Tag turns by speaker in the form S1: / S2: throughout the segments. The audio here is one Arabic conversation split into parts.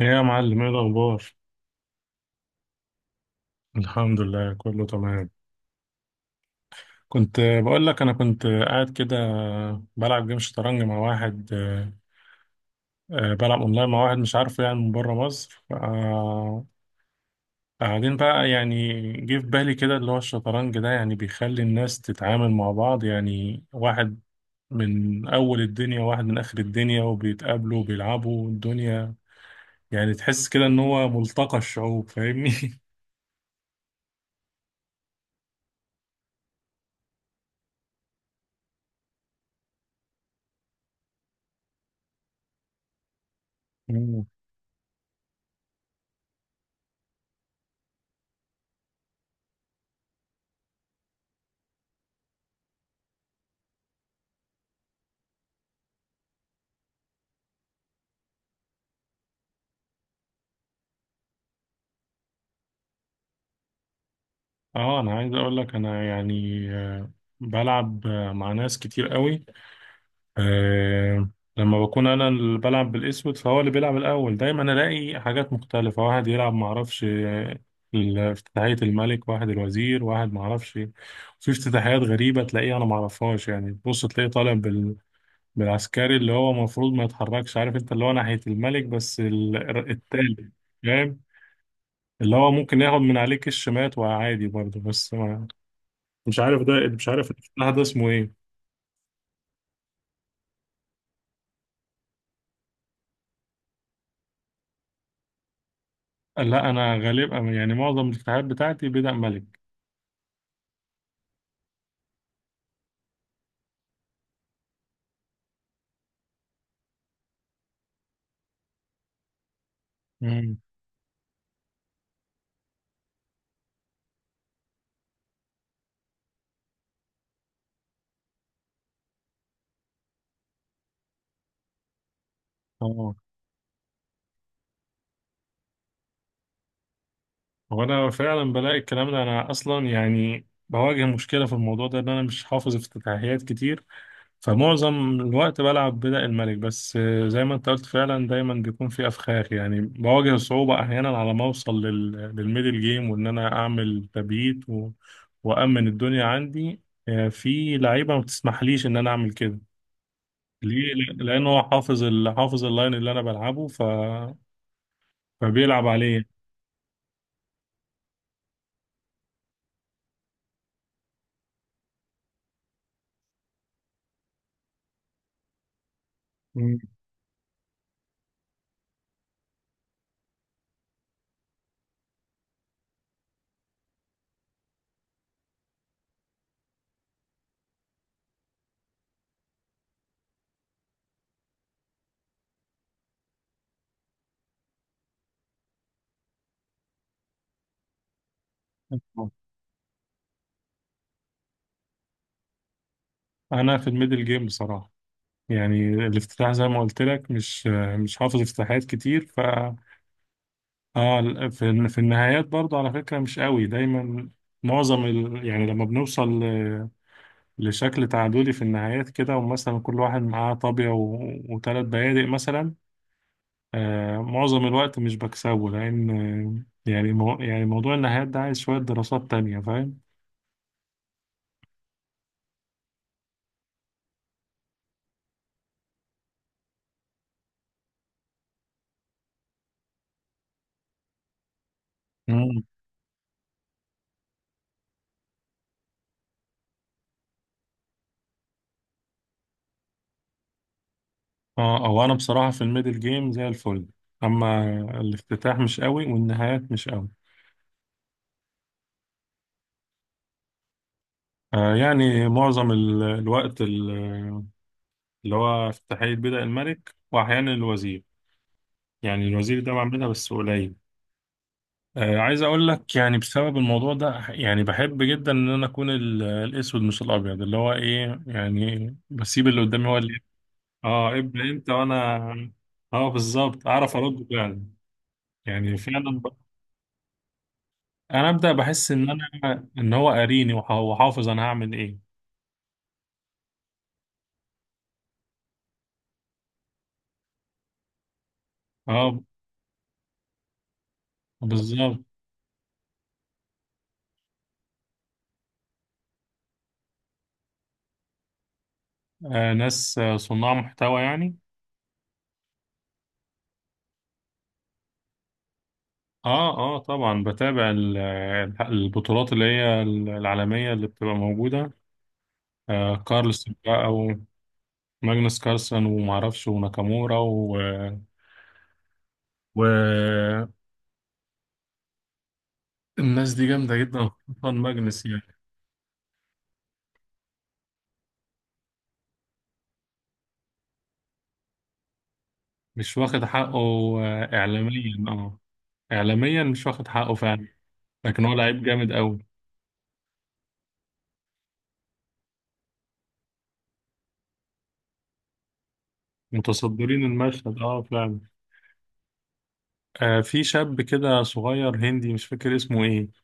S1: ايه يا معلم، ايه الاخبار؟ الحمد لله، كله تمام. كنت بقول لك انا كنت قاعد كده بلعب جيم شطرنج مع واحد. بلعب اونلاين مع واحد مش عارفه، يعني من بره مصر. قاعدين بقى. يعني جه في بالي كده اللي هو الشطرنج ده، يعني بيخلي الناس تتعامل مع بعض. يعني واحد من اول الدنيا وواحد من اخر الدنيا وبيتقابلوا وبيلعبوا الدنيا، يعني تحس كده ان هو ملتقى الشعوب، فاهمني؟ اه، انا عايز اقول لك، انا يعني بلعب مع ناس كتير قوي. آه، لما بكون انا اللي بلعب بالاسود، فهو اللي بيلعب الاول دايما. الاقي حاجات مختلفه، واحد يلعب معرفش، افتتاحيه الملك، واحد الوزير، واحد معرفش. في افتتاحيات غريبه تلاقيه انا معرفهاش. يعني تبص تلاقيه طالع بالعسكري اللي هو المفروض ما يتحركش، عارف انت، اللي هو ناحيه الملك، بس التالي، فاهم، اللي هو ممكن ياخد من عليك الشمات، وعادي برضه. بس مش عارف الافتتاح ده اسمه ايه. لا، انا غالبا يعني معظم الافتتاحات بتاعتي بدأ ملك. امم، اه، هو انا فعلا بلاقي الكلام ده، انا اصلا يعني بواجه مشكله في الموضوع ده ان انا مش حافظ افتتاحيات كتير. فمعظم الوقت بلعب بدأ الملك بس. زي ما انت قلت فعلا، دايما بيكون في افخاخ. يعني بواجه صعوبه احيانا على ما اوصل للميدل جيم، وان انا اعمل تبييت وامن الدنيا عندي. في لعيبه ما بتسمحليش ان انا اعمل كده. ليه؟ لانه هو حافظ اللاين اللي انا بلعبه، فبيلعب عليه. مم. انا في الميدل جيم بصراحه، يعني الافتتاح زي ما قلت لك مش حافظ افتتاحات كتير، ف. اه، في النهايات برضه على فكره مش قوي دايما. معظم يعني لما بنوصل لشكل تعادلي في النهايات كده، ومثلا كل واحد معاه طابيه وثلاث بيادق مثلا. معظم الوقت مش بكسبه، لأن آه، يعني مو يعني موضوع النهايات ده عايز شوية دراسات تانية، فاهم؟ مم. اه، أو أنا بصراحة في الميدل جيم زي الفل. أما الافتتاح مش قوي، والنهايات مش قوي. يعني معظم الوقت اللي هو افتتاحية بدأ الملك، وأحيانا الوزير. يعني الوزير ده بعملها بس قليل. عايز أقول لك يعني بسبب الموضوع ده، يعني بحب جدا إن أنا أكون الأسود مش الأبيض، اللي هو إيه، يعني بسيب اللي قدامي هو اللي. اه ابدا، انت وانا. اه بالظبط، اعرف ارد فعلا. يعني فعلا انا ابدا بحس ان هو قاريني، وحافظ انا هعمل ايه. اه بالظبط. ناس صناع محتوى يعني. اه، اه طبعا، بتابع البطولات اللي هي العالميه اللي بتبقى موجوده. كارلس بقى، وماجنس كارلسن، ومعرفش وناكامورا والناس دي جامده جدا، خصوصا ماجنس يعني. مش واخد حقه، إعلاميا اه. إعلاميا مش واخد حقه فعلا، لكن هو لعيب جامد أوي. متصدرين المشهد، اه فعلا. في شاب كده صغير هندي، مش فاكر اسمه ايه.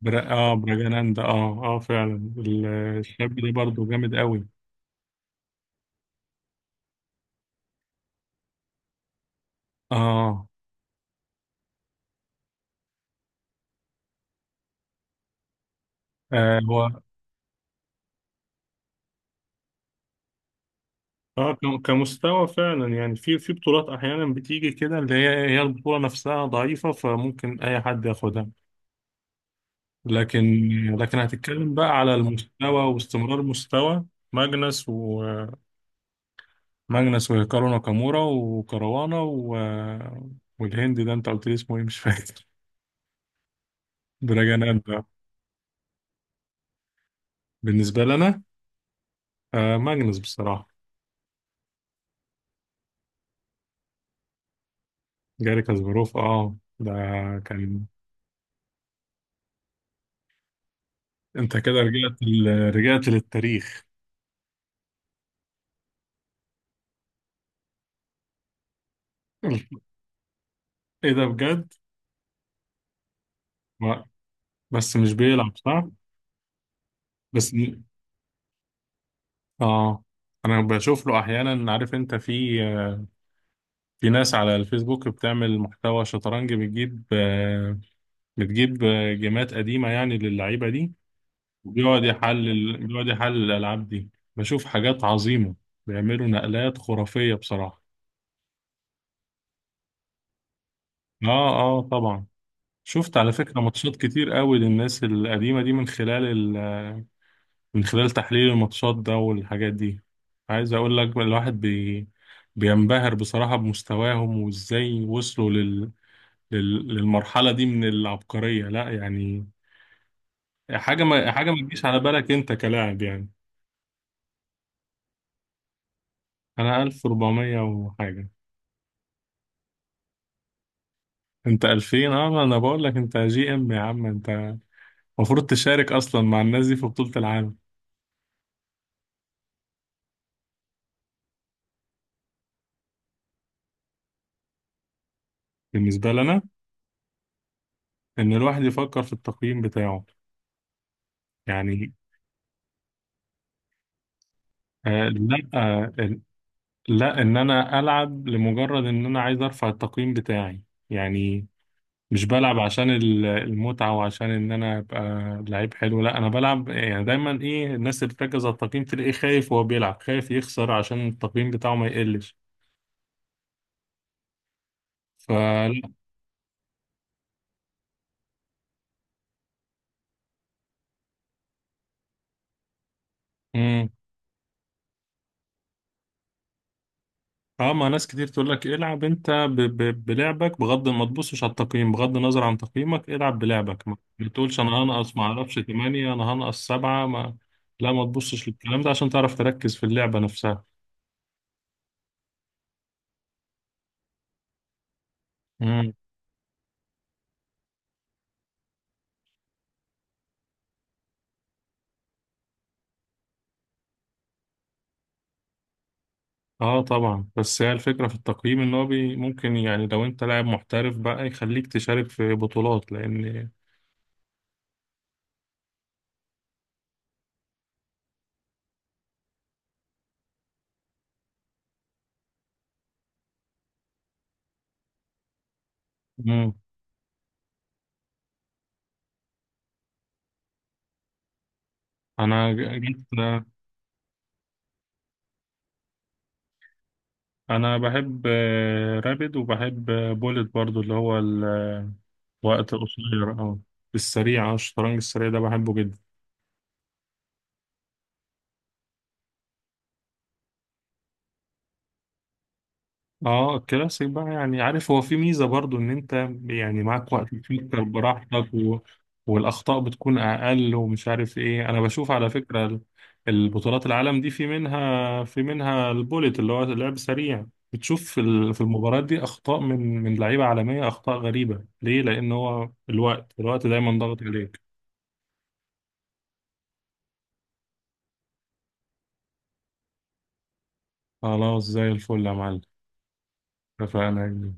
S1: براجاناندا. اه اه فعلا. الشاب ده برضه جامد أوي. اه. هو اه كمستوى فعلا، يعني في بطولات احيانا بتيجي كده، اللي هي البطوله نفسها ضعيفه، فممكن اي حد ياخدها. لكن، هتتكلم بقى على المستوى واستمرار مستوى. ماجنس. وماجنس وهيكارو ناكامورا وكروانا والهند ده انت قلت لي اسمه ايه مش فاكر. براجانات ده. بالنسبة لنا، ماجنس بصراحة. جاري كاسباروف، اه ده كان. انت كده رجعت للتاريخ. ايه ده بجد؟ ما... بس مش بيلعب صح. بس اه انا بشوف له احيانا. عارف انت، في ناس على الفيسبوك بتعمل محتوى شطرنج، بتجيب جيمات قديمة يعني للعيبة دي، وبيقعد يحلل الألعاب دي. بشوف حاجات عظيمة، بيعملوا نقلات خرافية بصراحة. اه، اه طبعا، شفت على فكرة ماتشات كتير قوي للناس القديمة دي ال... من خلال تحليل الماتشات ده والحاجات دي. عايز اقول لك الواحد بينبهر بصراحة بمستواهم، وازاي وصلوا للمرحلة دي من العبقرية. لا يعني، حاجة ما تجيش على بالك أنت كلاعب يعني. أنا 1400 وحاجة. أنت 2000، أه أنا بقول لك أنت GM يا عم، أنت المفروض تشارك أصلا مع الناس دي في بطولة العالم. بالنسبة لنا، إن الواحد يفكر في التقييم بتاعه يعني. لا، لا، إن أنا ألعب لمجرد إن أنا عايز أرفع التقييم بتاعي يعني. مش بلعب عشان المتعة، وعشان ان انا ابقى لعيب حلو. لا، انا بلعب يعني دايما. ايه، الناس اللي بتركز على التقييم تلاقيه خايف، وهو بيلعب خايف يخسر عشان التقييم بتاعه ما يقلش، فلا. امم. اه، ما ناس كتير تقول لك العب انت بلعبك، بغض ما تبصش على التقييم، بغض النظر عن تقييمك العب بلعبك. ما بتقولش انا هنقص ما اعرفش 8، انا هنقص 7، ما. لا ما تبصش للكلام ده، عشان تعرف تركز في اللعبة نفسها. اه طبعا. بس هي الفكرة في التقييم ان هو بي ممكن، يعني لو انت لاعب محترف بقى، يخليك تشارك في بطولات لان. مم. انا جيت. انا بحب رابد، وبحب بولت برضو، اللي هو الوقت القصير. اه، السريع. اه الشطرنج السريع ده بحبه جدا. اه الكلاسيك بقى، يعني عارف هو في ميزة برضو ان انت يعني معاك وقت تفكر براحتك والاخطاء بتكون اقل، ومش عارف ايه. انا بشوف على فكرة البطولات العالم دي، في منها البوليت اللي هو لعب سريع. بتشوف في المباريات دي اخطاء من لعيبة عالمية، اخطاء غريبة. ليه؟ لان هو الوقت، دايما ضاغط عليك. خلاص، زي الفل يا معلم. اتفقنا.